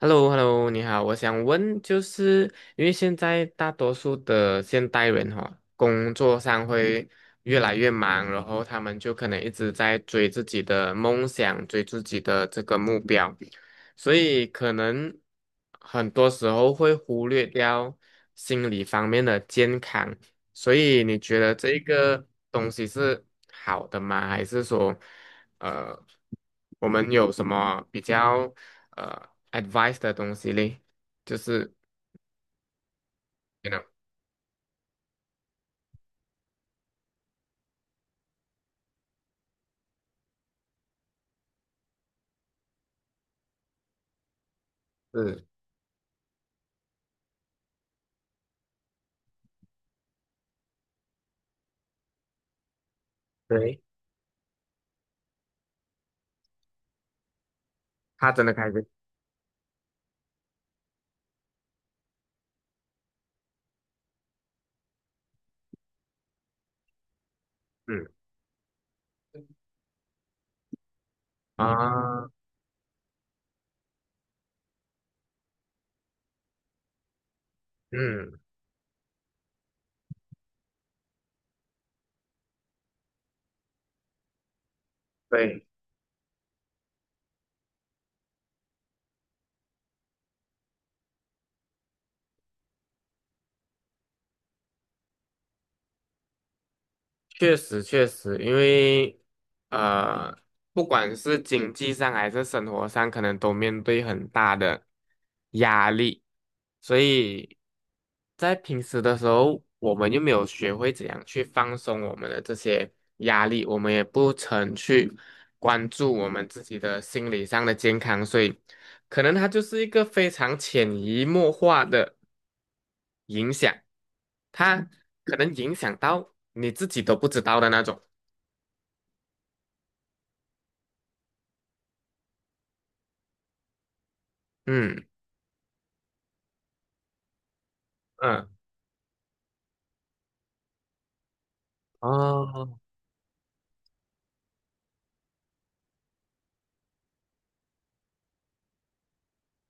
h e l l o Hello 你好，我想问，就是因为现在大多数的现代人哈、工作上会越来越忙，然后他们就可能一直在追自己的梦想，追自己的这个目标，所以可能很多时候会忽略掉心理方面的健康。所以你觉得这个东西是好的吗？还是说，呃，我们有什么比较？呃？advice 的东西嘞，就是，you know，是，对，他真的开心。嗯啊，嗯，对。确实确实，因为呃，不管是经济上还是生活上，可能都面对很大的压力，所以在平时的时候，我们又没有学会怎样去放松我们的这些压力，我们也不曾去关注我们自己的心理上的健康，所以可能它就是一个非常潜移默化的影响，他可能影响到你自己都不知道的那种。嗯嗯，哦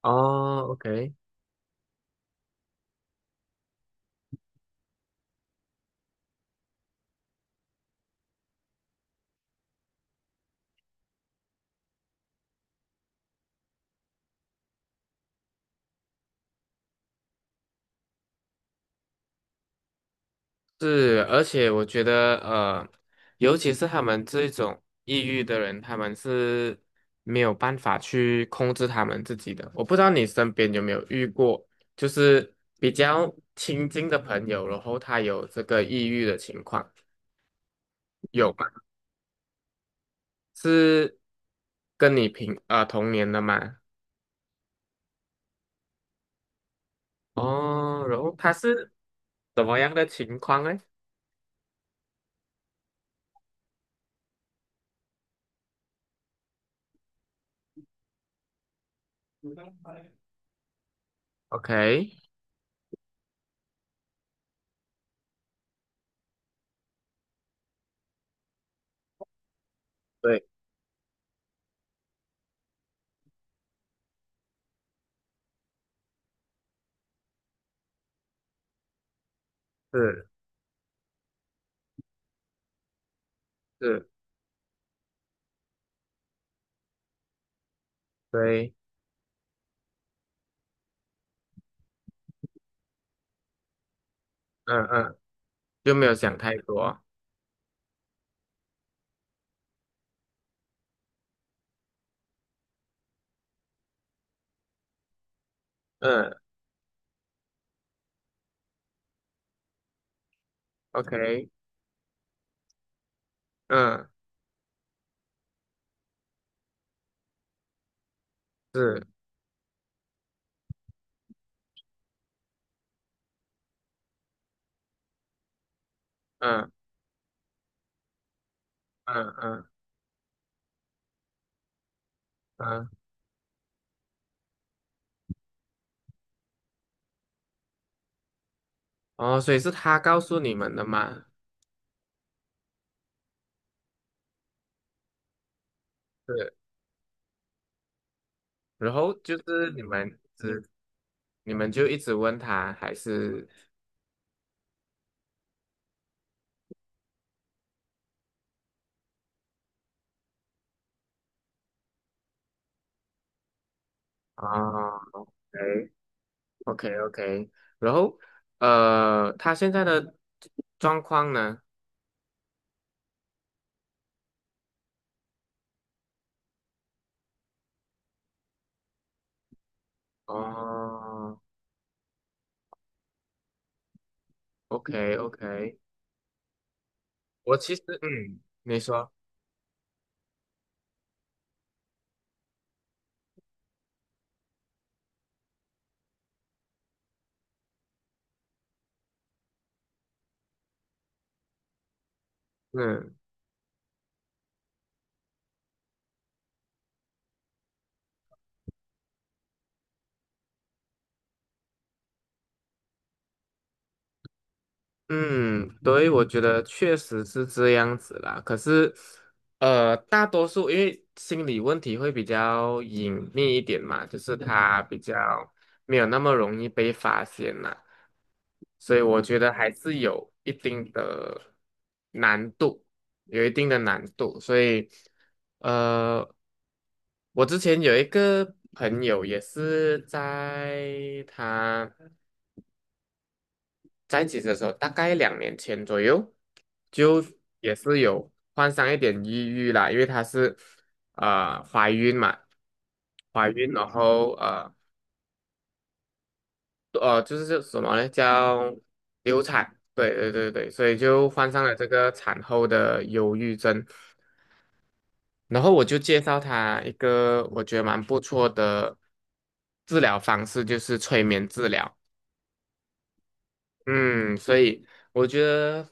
哦，OK，是，而且我觉得尤其是他们这种抑郁的人，他们是没有办法去控制他们自己的。我不知道你身边有没有遇过，就是比较亲近的朋友，然后他有这个抑郁的情况，有吗？是跟你同年的吗？哦，然后他是怎么样的情况呢？OK，对，是是，对，嗯嗯，就没有想太多，嗯，OK，嗯，是，嗯嗯嗯嗯，哦，所以是他告诉你们的嘛？是，然后就是你们就一直问他，还是哦，OK，OK OK，OK，然后他现在的状况呢？哦，OK OK，我其实，嗯，你说，嗯嗯，对，我觉得确实是这样子啦。可是，大多数因为心理问题会比较隐秘一点嘛，就是他比较没有那么容易被发现啦，所以我觉得还是有一定的难度，有一定的难度。所以，呃，我之前有一个朋友也是在一起的时候，大概2年前左右，就也是有患上一点抑郁啦，因为她是怀孕嘛，怀孕然后就是叫什么呢？叫流产，对对对对，所以就患上了这个产后的忧郁症。然后我就介绍她一个我觉得蛮不错的治疗方式，就是催眠治疗。嗯，所以我觉得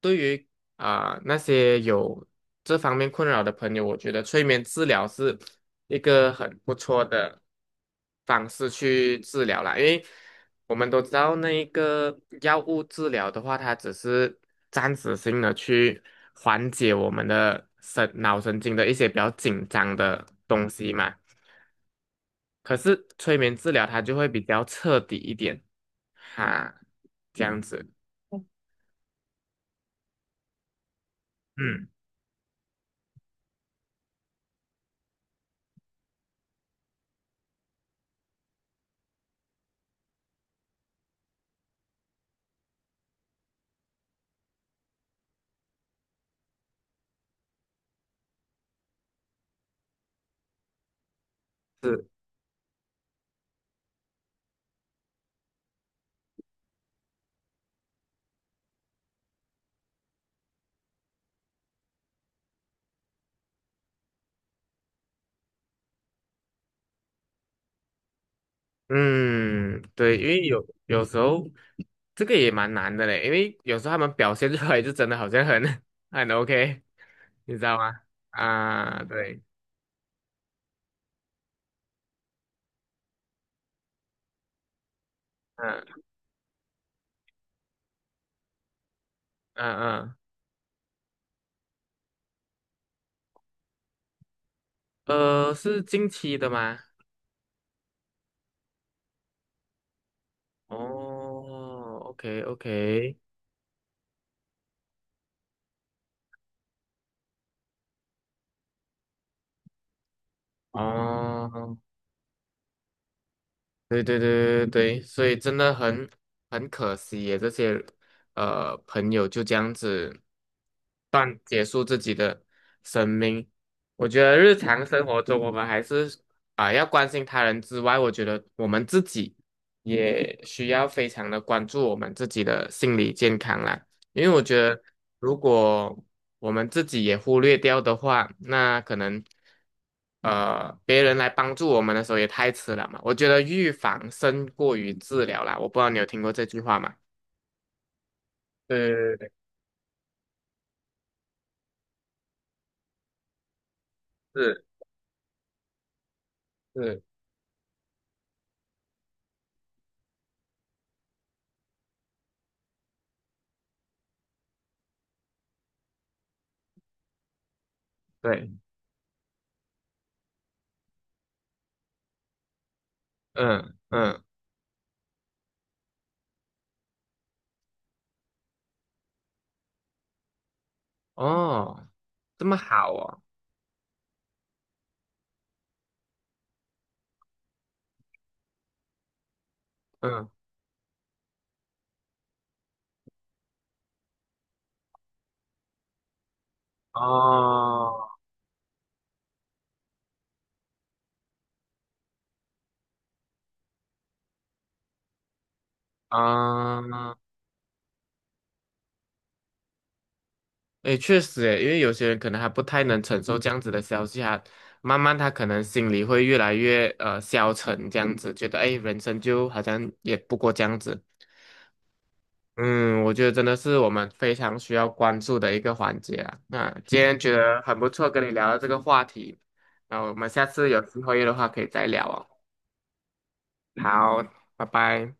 对于啊、那些有这方面困扰的朋友，我觉得催眠治疗是一个很不错的方式去治疗啦。因为我们都知道，那一个药物治疗的话，它只是暂时性的去缓解我们的神脑神经的一些比较紧张的东西嘛。可是催眠治疗它就会比较彻底一点，哈，这样子。嗯。是，嗯，对，因为有时候这个也蛮难的嘞，因为有时候他们表现出来就真的好像很 很 OK，你知道吗？啊，对，嗯嗯嗯，是近期的吗？哦，OK OK，哦，对对对对对，所以真的很可惜耶，这些朋友就这样子结束自己的生命。我觉得日常生活中，我们还是啊、要关心他人之外，我觉得我们自己也需要非常的关注我们自己的心理健康啦。因为我觉得，如果我们自己也忽略掉的话，那可能，别人来帮助我们的时候也太迟了嘛。我觉得预防胜过于治疗啦。我不知道你有听过这句话吗？对对对对是，是对，嗯嗯，哦，这么好哦，嗯，哦，啊，诶，确实诶，因为有些人可能还不太能承受这样子的消息啊，慢慢他可能心里会越来越消沉，这样子觉得诶，人生就好像也不过这样子。嗯，我觉得真的是我们非常需要关注的一个环节啊。那今天觉得很不错，跟你聊到这个话题，那我们下次有机会的话可以再聊哦。好，拜拜。